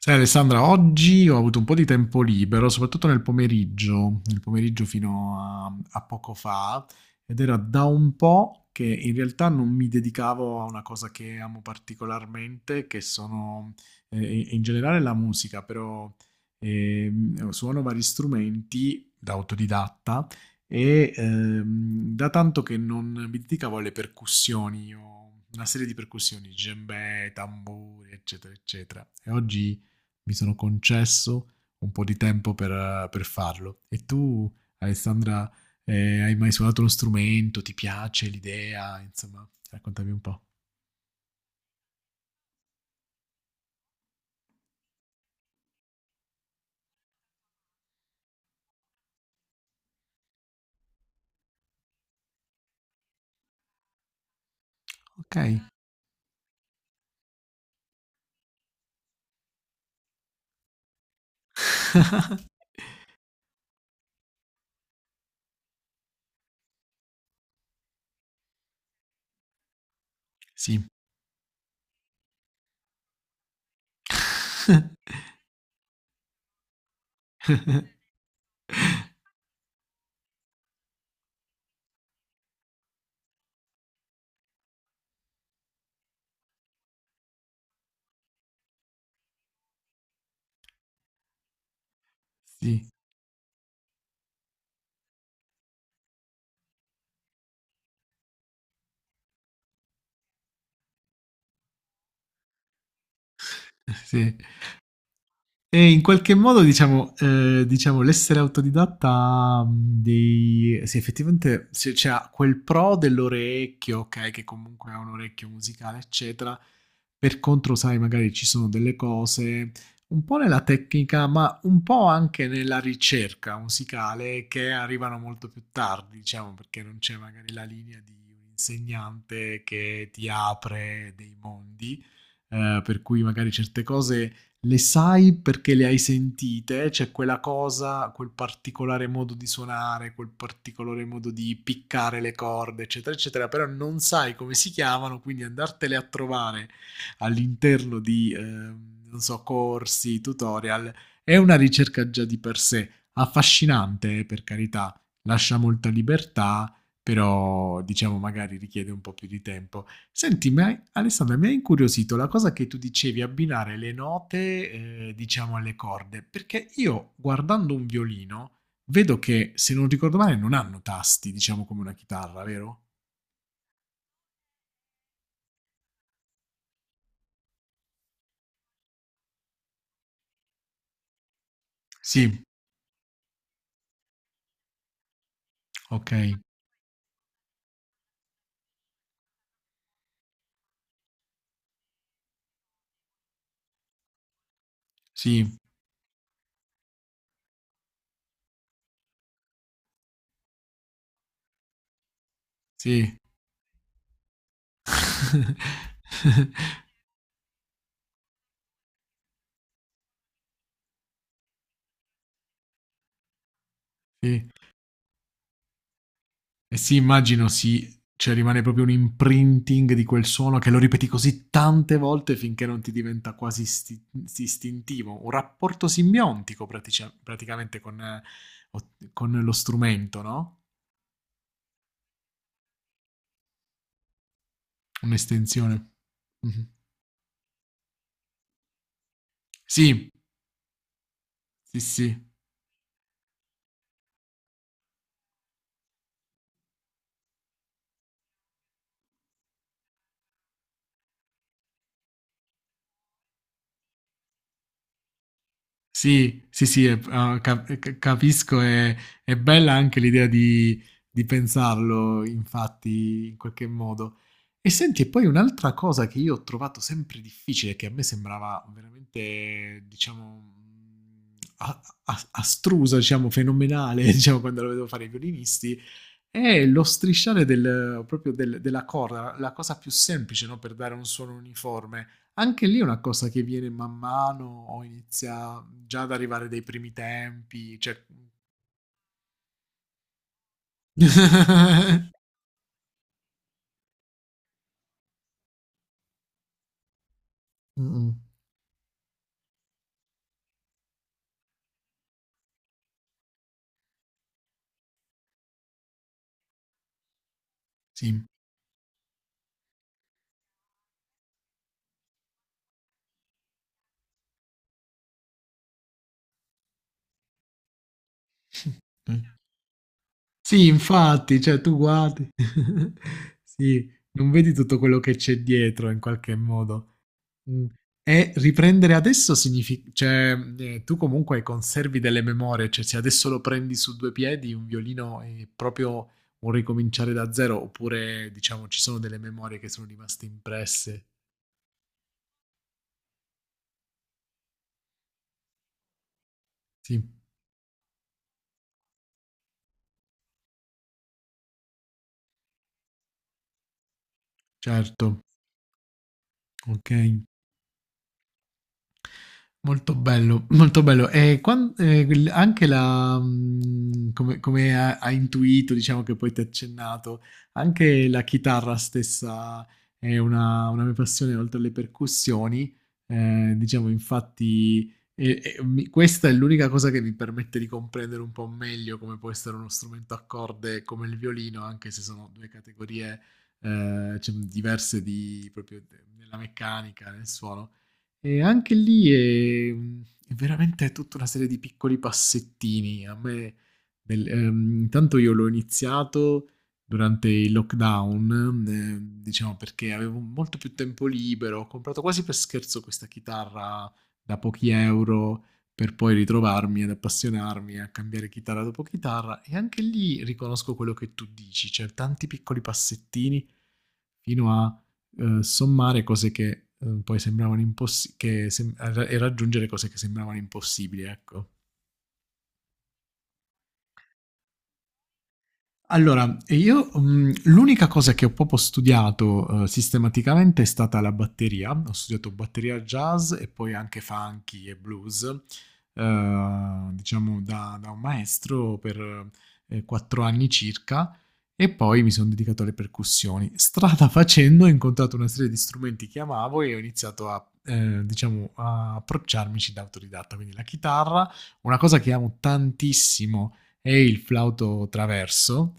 Sai Alessandra, oggi ho avuto un po' di tempo libero, soprattutto nel pomeriggio fino a poco fa, ed era da un po' che in realtà non mi dedicavo a una cosa che amo particolarmente, che sono in generale la musica, però suono vari strumenti da autodidatta e da tanto che non mi dedicavo alle percussioni. Io ho una serie di percussioni, djembe, tamburi, eccetera, eccetera. E oggi mi sono concesso un po' di tempo per farlo. E tu, Alessandra, hai mai suonato uno strumento? Ti piace l'idea? Insomma, raccontami un po'. Ok. Sì. Sì, sì. E in qualche modo, diciamo, diciamo l'essere autodidatta ha, dei... sì, effettivamente se c'è quel pro dell'orecchio, ok, che comunque ha un orecchio musicale, eccetera. Per contro, sai, magari ci sono delle cose un po' nella tecnica, ma un po' anche nella ricerca musicale che arrivano molto più tardi, diciamo, perché non c'è magari la linea di un insegnante che ti apre dei mondi, per cui magari certe cose le sai perché le hai sentite, c'è cioè quella cosa, quel particolare modo di suonare, quel particolare modo di piccare le corde, eccetera, eccetera, però non sai come si chiamano, quindi andartele a trovare all'interno di non so, corsi, tutorial, è una ricerca già di per sé affascinante, per carità, lascia molta libertà, però diciamo magari richiede un po' più di tempo. Senti, ma Alessandra, mi ha incuriosito la cosa che tu dicevi, abbinare le note, diciamo, alle corde, perché io guardando un violino vedo che, se non ricordo male, non hanno tasti, diciamo, come una chitarra, vero? Sì, ok, sì, sì. Sì. E sì, immagino sì, cioè rimane proprio un imprinting di quel suono che lo ripeti così tante volte finché non ti diventa quasi istintivo, un rapporto simbiontico praticamente con, o- con lo strumento, no? Un'estensione. Mhm. Sì, sì, sì. Sì, sì, sì, capisco, è bella anche l'idea di pensarlo, infatti, in qualche modo. E senti, e poi un'altra cosa che io ho trovato sempre difficile, che a me sembrava veramente, diciamo, astrusa, diciamo, fenomenale, diciamo, quando lo vedevo fare i violinisti, è lo strisciare proprio della corda, la cosa più semplice, no, per dare un suono uniforme. Anche lì è una cosa che viene man mano o inizia già ad arrivare dai primi tempi, cioè Mh-mh, sì. Eh. Sì, infatti, cioè tu guardi. Sì, non vedi tutto quello che c'è dietro in qualche modo. Mh. E riprendere adesso signifi cioè, tu comunque conservi delle memorie, cioè se adesso lo prendi su 2 piedi un violino è proprio un ricominciare da zero, oppure diciamo ci sono delle memorie che sono rimaste impresse. Sì, certo, okay. Molto bello, molto bello. E anche la, mm, come, come ha, ha intuito, diciamo che poi ti ha accennato, anche la chitarra stessa è una mia passione, oltre alle percussioni. Diciamo, infatti, questa è l'unica cosa che mi permette di comprendere un po' meglio come può essere uno strumento a corde come il violino, anche se sono due categorie, cioè, diverse di, proprio nella meccanica, nel suono. E anche lì è veramente tutta una serie di piccoli passettini. A me, intanto io l'ho iniziato durante il lockdown, diciamo perché avevo molto più tempo libero. Ho comprato quasi per scherzo questa chitarra da pochi euro per poi ritrovarmi ad appassionarmi a cambiare chitarra dopo chitarra. E anche lì riconosco quello che tu dici, cioè tanti piccoli passettini fino a sommare cose che poi sembravano impossibili, e raggiungere cose che sembravano impossibili, ecco. Allora, io l'unica cosa che ho proprio studiato sistematicamente è stata la batteria. Ho studiato batteria jazz e poi anche funky e blues, diciamo da un maestro per quattro anni circa e poi mi sono dedicato alle percussioni. Strada facendo ho incontrato una serie di strumenti che amavo e ho iniziato diciamo, a approcciarmici da autodidatta, quindi la chitarra, una cosa che amo tantissimo è il flauto traverso,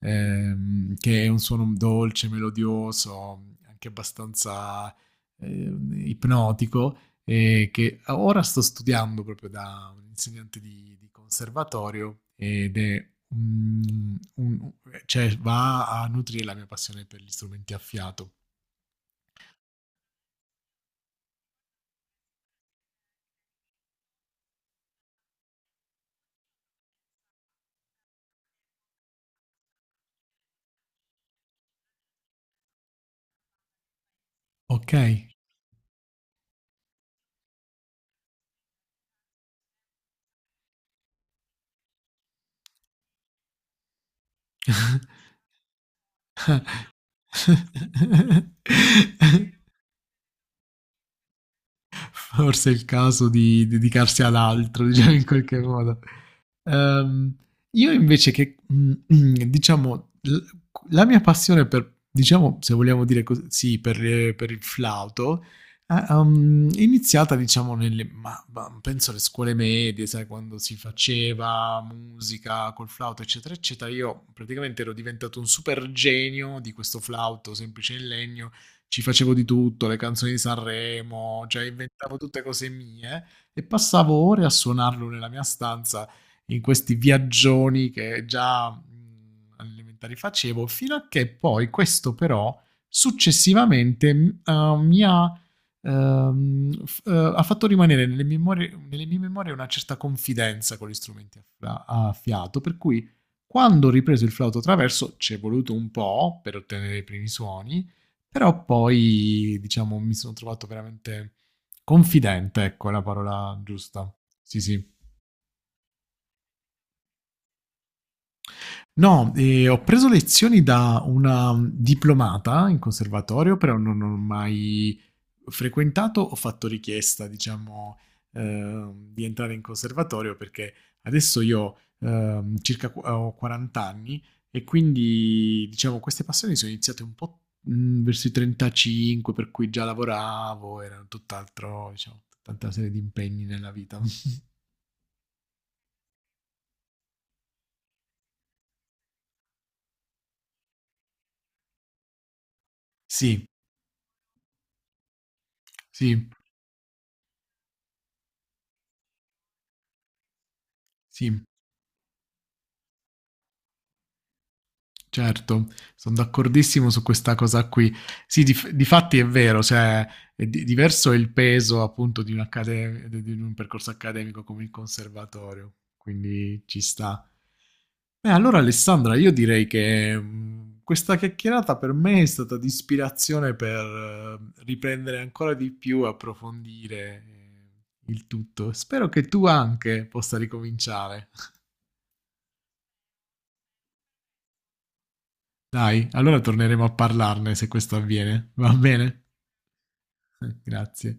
che è un suono dolce, melodioso, anche abbastanza eh, ipnotico, e che ora sto studiando proprio da un insegnante di conservatorio ed è un- un- cioè va a nutrire la mia passione per gli strumenti a fiato. Ok. Forse è il caso di dedicarsi ad altro, diciamo in qualche modo. Ehm, io invece che, diciamo, la mia passione per, diciamo, se vogliamo dire così, per il flauto è iniziata, diciamo, nelle, ma penso alle scuole medie, sai, quando si faceva musica col flauto, eccetera, eccetera. Io praticamente ero diventato un super genio di questo flauto semplice in legno, ci facevo di tutto, le canzoni di Sanremo, cioè inventavo tutte cose mie e passavo ore a suonarlo nella mia stanza in questi viaggioni che già alle elementari facevo, fino a che poi questo però successivamente mi ha, ha fatto rimanere nelle, nelle mie memorie una certa confidenza con gli strumenti a a fiato, per cui quando ho ripreso il flauto traverso ci è voluto un po' per ottenere i primi suoni, però poi, diciamo, mi sono trovato veramente confidente, ecco, è la parola giusta. Sì, sì. No, ho preso lezioni da una diplomata in conservatorio, però non ho mai frequentato, ho fatto richiesta, diciamo, di entrare in conservatorio perché adesso io ho 40 anni e quindi, diciamo, queste passioni sono iniziate un po' verso i 35, per cui già lavoravo, erano tutt'altro, diciamo, tutta una serie di impegni nella vita. Sì, sì, sì. Certo, sono d'accordissimo su questa cosa qui. Sì, difatti è vero, cioè, è diverso è il peso appunto di un, di un percorso accademico come il conservatorio, quindi ci sta. Beh, allora Alessandra, io direi che questa chiacchierata per me è stata di ispirazione per riprendere ancora di più, approfondire il tutto. Spero che tu anche possa ricominciare. Dai, allora torneremo a parlarne se questo avviene, va bene? Grazie.